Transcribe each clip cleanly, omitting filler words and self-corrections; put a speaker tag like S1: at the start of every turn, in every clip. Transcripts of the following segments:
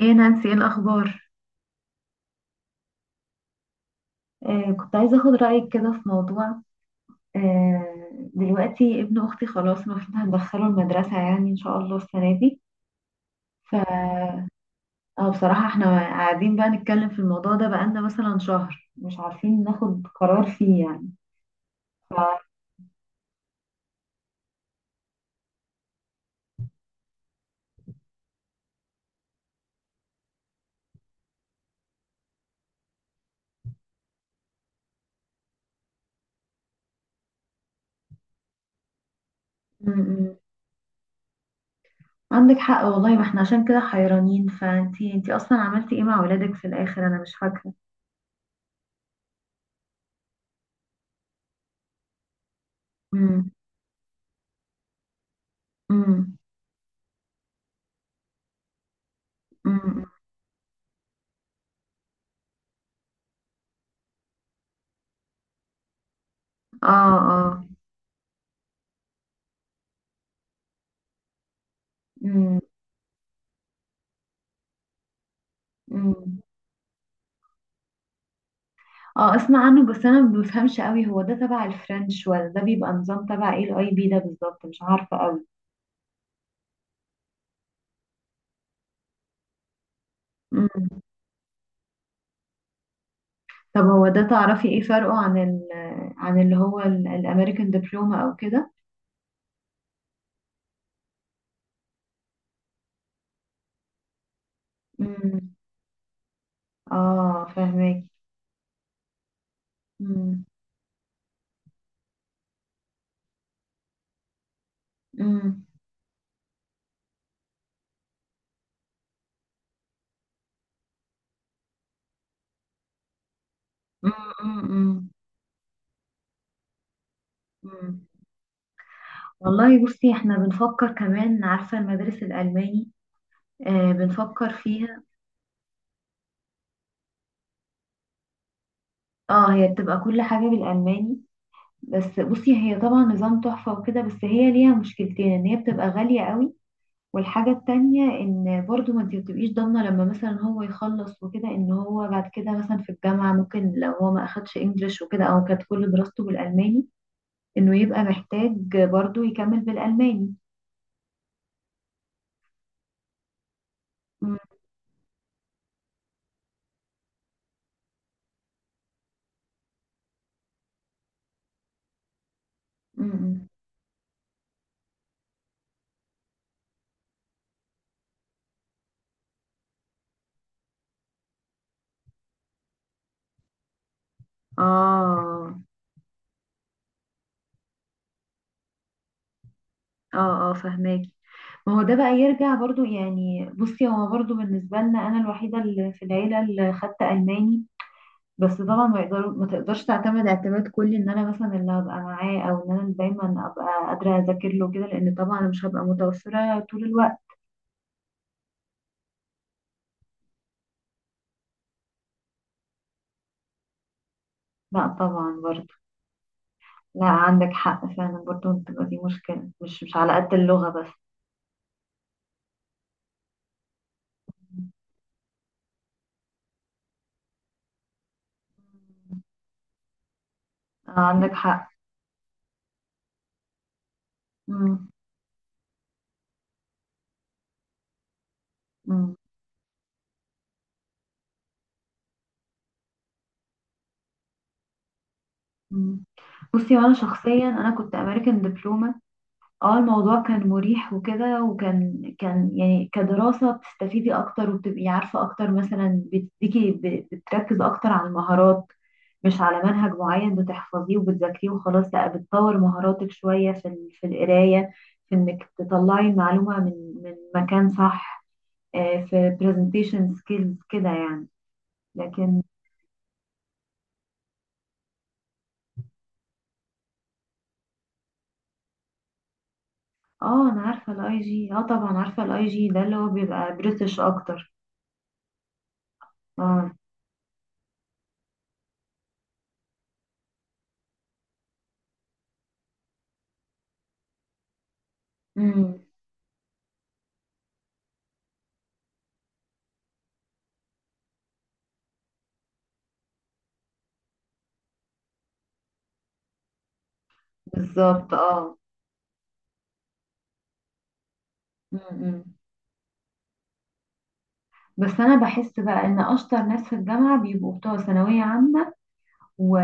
S1: ايه نانسي، ايه الاخبار؟ كنت عايزة أخد رأيك كده في موضوع. دلوقتي ابن أختي خلاص، المفروض هندخله المدرسة يعني إن شاء الله السنة دي. ف اه، بصراحة احنا قاعدين بقى نتكلم في الموضوع ده بقالنا مثلا شهر، مش عارفين ناخد قرار فيه يعني. ف م- م. عندك حق والله، ما احنا عشان كده حيرانين، فانتي أصلا عملتي ايه مع ولادك في الآخر؟ أنا مش فاكرة. م- م- م- م. اه، اه. م- م. اه، اسمع عنه بس انا ما بفهمش قوي، هو ده تبع الفرنش ولا ده بيبقى نظام؟ تبع ايه الاي بي ده بالظبط؟ مش عارفة قوي. مم. طب هو ده تعرفي ايه فرقه عن اللي هو الامريكان دبلوما او كده. مم. اه، فهمك. مم. مم. مم. مم. مم. والله بصي، احنا بنفكر كمان، عارفة المدارس الألماني؟ بنفكر فيها. اه، هي بتبقى كل حاجة بالألماني. بس بصي، هي طبعا نظام تحفة وكده، بس هي ليها مشكلتين، ان هي بتبقى غالية قوي. والحاجة التانية ان برضو ما انت بتبقيش ضامنة، لما مثلا هو يخلص وكده ان هو بعد كده مثلا في الجامعة، ممكن لو هو ما اخدش انجليش وكده او كانت كل دراسته بالألماني، انه يبقى محتاج برضو يكمل بالألماني. م- م- م. اه، اه، اه، فهماكي. ما هو ده بقى يرجع برضو يعني، بصي هو برضو بالنسبة لنا أنا الوحيدة اللي في العيلة اللي خدت ألماني. بس طبعا ما تقدرش تعتمد اعتماد كلي ان انا مثلا اللي هبقى معاه، او ان انا اللي دايما ابقى قادره اذاكر له كده، لان طبعا انا مش هبقى متوفره طول الوقت. لا طبعا برضه. لا، عندك حق فعلا برضه، بتبقى دي مشكله، مش على قد اللغه بس. عندك حق. مم. مم. مم. بصي وانا شخصيا انا كنت امريكان دبلومه. اه، الموضوع كان مريح وكده، وكان يعني كدراسة بتستفيدي اكتر وبتبقي عارفة اكتر، مثلا بتديكي بتركز اكتر على المهارات، مش على منهج معين بتحفظيه وبتذاكريه وخلاص، لا بتطور مهاراتك شوية في القراية، في انك تطلعي المعلومة من مكان صح. في presentation skills كده يعني. لكن. اه، انا عارفة الاي جي، اه طبعا عارفة الاي جي ده اللي هو بيبقى بريتش اكتر. اه. امم. بالظبط، اه. م-م. بس انا بحس بقى ان اشطر ناس في الجامعه بيبقوا بتوع ثانويه عامه، و...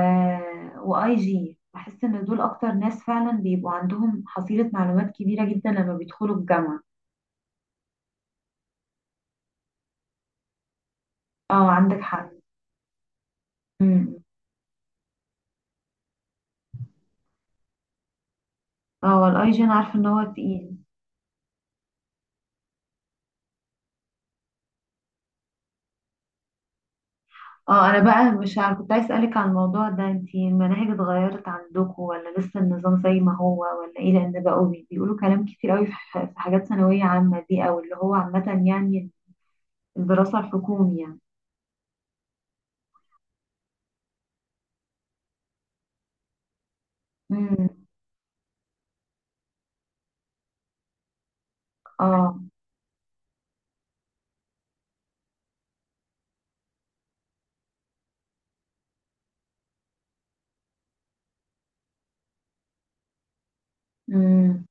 S1: واي جي، بحس ان دول اكتر ناس فعلا بيبقوا عندهم حصيله معلومات كبيره جدا لما بيدخلوا الجامعه. اه، عندك حق. م-م. اه، الاي جي انا عارفه ان هو تقيل. اه، انا بقى مش عارفه، كنت عايز اسالك عن الموضوع ده، انتي المناهج اتغيرت عندكم ولا لسه النظام زي ما هو ولا ايه؟ لان بقوا بيقولوا كلام كتير قوي في حاجات ثانويه عامه دي، او اللي هو عامه يعني، الدراسه الحكومي. يعني. اه. امم.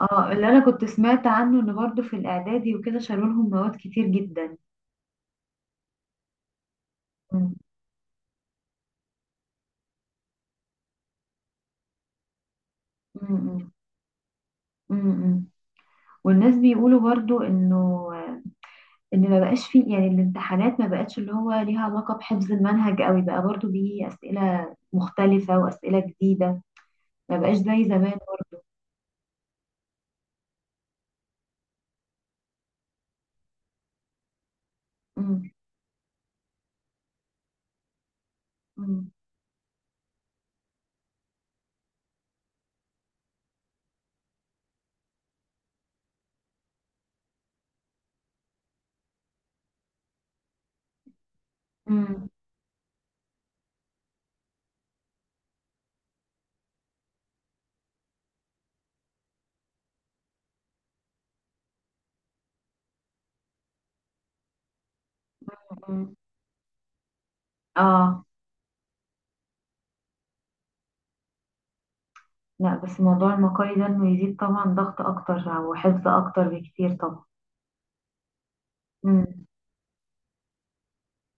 S1: اه، اللي انا كنت سمعت عنه ان برضو في الاعدادي وكده شالوا لهم مواد كتير جدا. امم، امم. امم، امم، امم. والناس بيقولوا برضو انه ان ما بقاش فيه يعني الامتحانات، ما بقتش اللي هو ليها علاقة بحفظ المنهج قوي، بقى برضو بيه اسئلة مختلفة واسئلة جديدة، ما بقاش زي زمان. امم، امم، امم، أمم. اه، لا بس موضوع المقالي ده انه يزيد طبعا ضغط اكتر وحفظ اكتر بكتير طبعا. امم،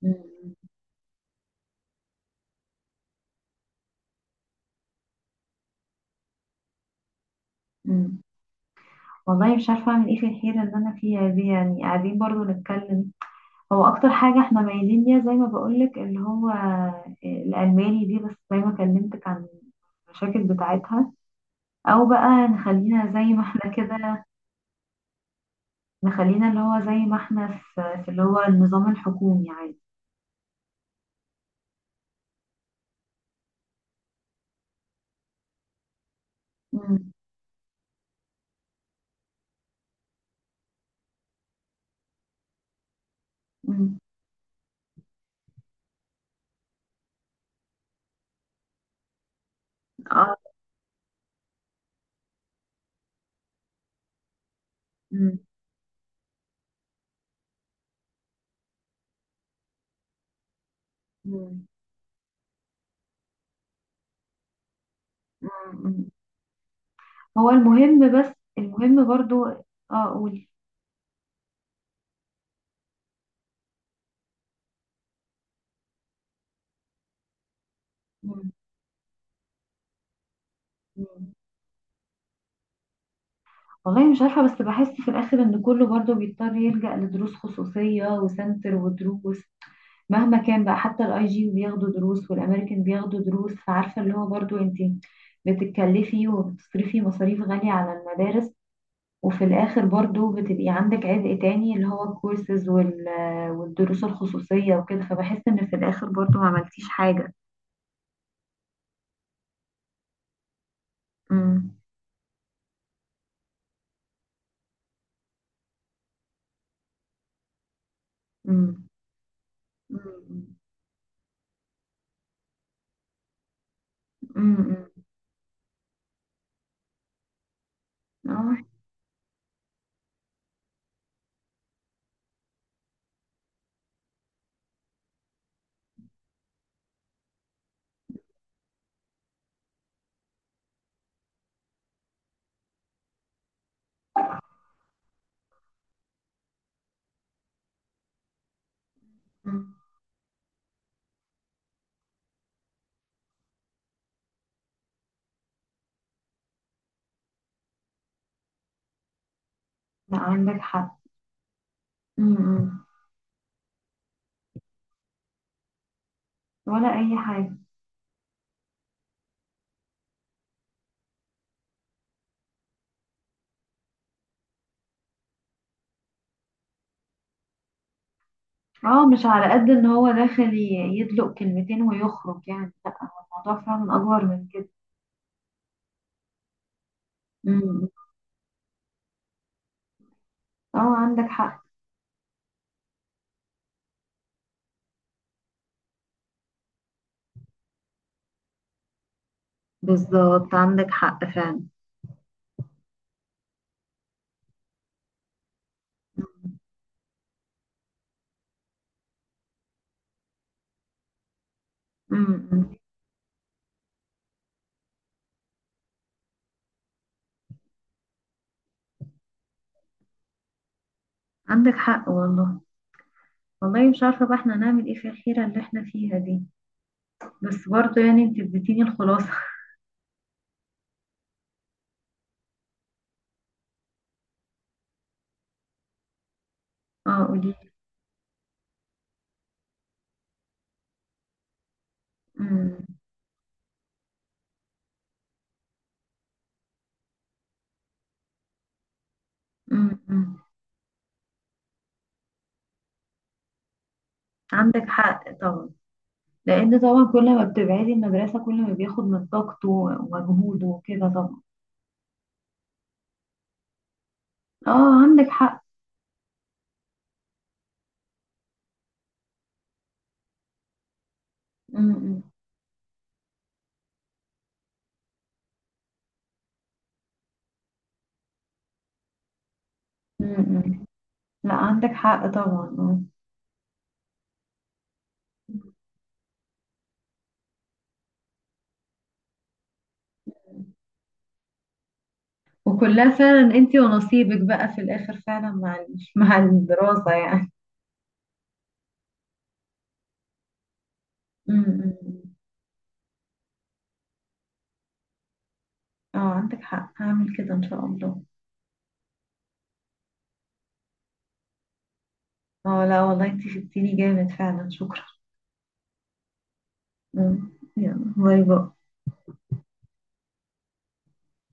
S1: امم، أمم. امم. والله مش عارفة أعمل إيه في الحيرة اللي أنا فيها دي يعني، قاعدين برضو نتكلم. هو أكتر حاجة إحنا مايلين ليها، زي ما بقولك اللي هو الألماني دي، بس زي ما كلمتك عن المشاكل بتاعتها، أو بقى نخلينا زي ما إحنا كده، نخلينا اللي هو زي ما إحنا، في اللي هو النظام الحكومي عادي. مم. مم. آه. مم. مم. مم. هو المهم، بس المهم برضو. قولي. مم. والله مش عارفة، بس بحس في الآخر إن كله برضه بيضطر يلجأ لدروس خصوصية وسنتر ودروس، مهما كان بقى، حتى الاي جي بياخدوا دروس والامريكان بياخدوا دروس، فعارفة اللي هو برضه انت بتتكلفي وبتصرفي مصاريف غالية على المدارس، وفي الآخر برضه بتبقي عندك عبء تاني اللي هو الكورسز والدروس الخصوصية وكده، فبحس إن في الآخر برضه ما عملتيش حاجة. امم، امم، امم، امم، اه. مم. لا، عندك حق. امم. ولا اي حاجه. اه، مش على قد ان هو داخل يدلق كلمتين ويخرج يعني، لا هو الموضوع فعلا اكبر من كده. امم. اه، عندك حق. بالظبط، عندك حق فعلا. امم. عندك حق والله. والله مش عارفة بقى احنا هنعمل ايه في الحيرة اللي احنا فيها دي. بس برضو يعني انت اديتيني الخلاصة اه، قولي. امم، امم. عندك حق طبعا. لان طبعا كل ما بتبعدي المدرسه، كل ما بياخد من طاقته ومجهوده وكده طبعا. اه، عندك حق. امم، امم. لا، عندك حق طبعا، اه. وكلها فعلا انتي ونصيبك بقى في الاخر فعلا مع الدراسة يعني. امم. اه، عندك حق، هعمل كده ان شاء الله. اه، لا والله انتي شدتيني جامد فعلا، شكرا. مم. يلا باي باي.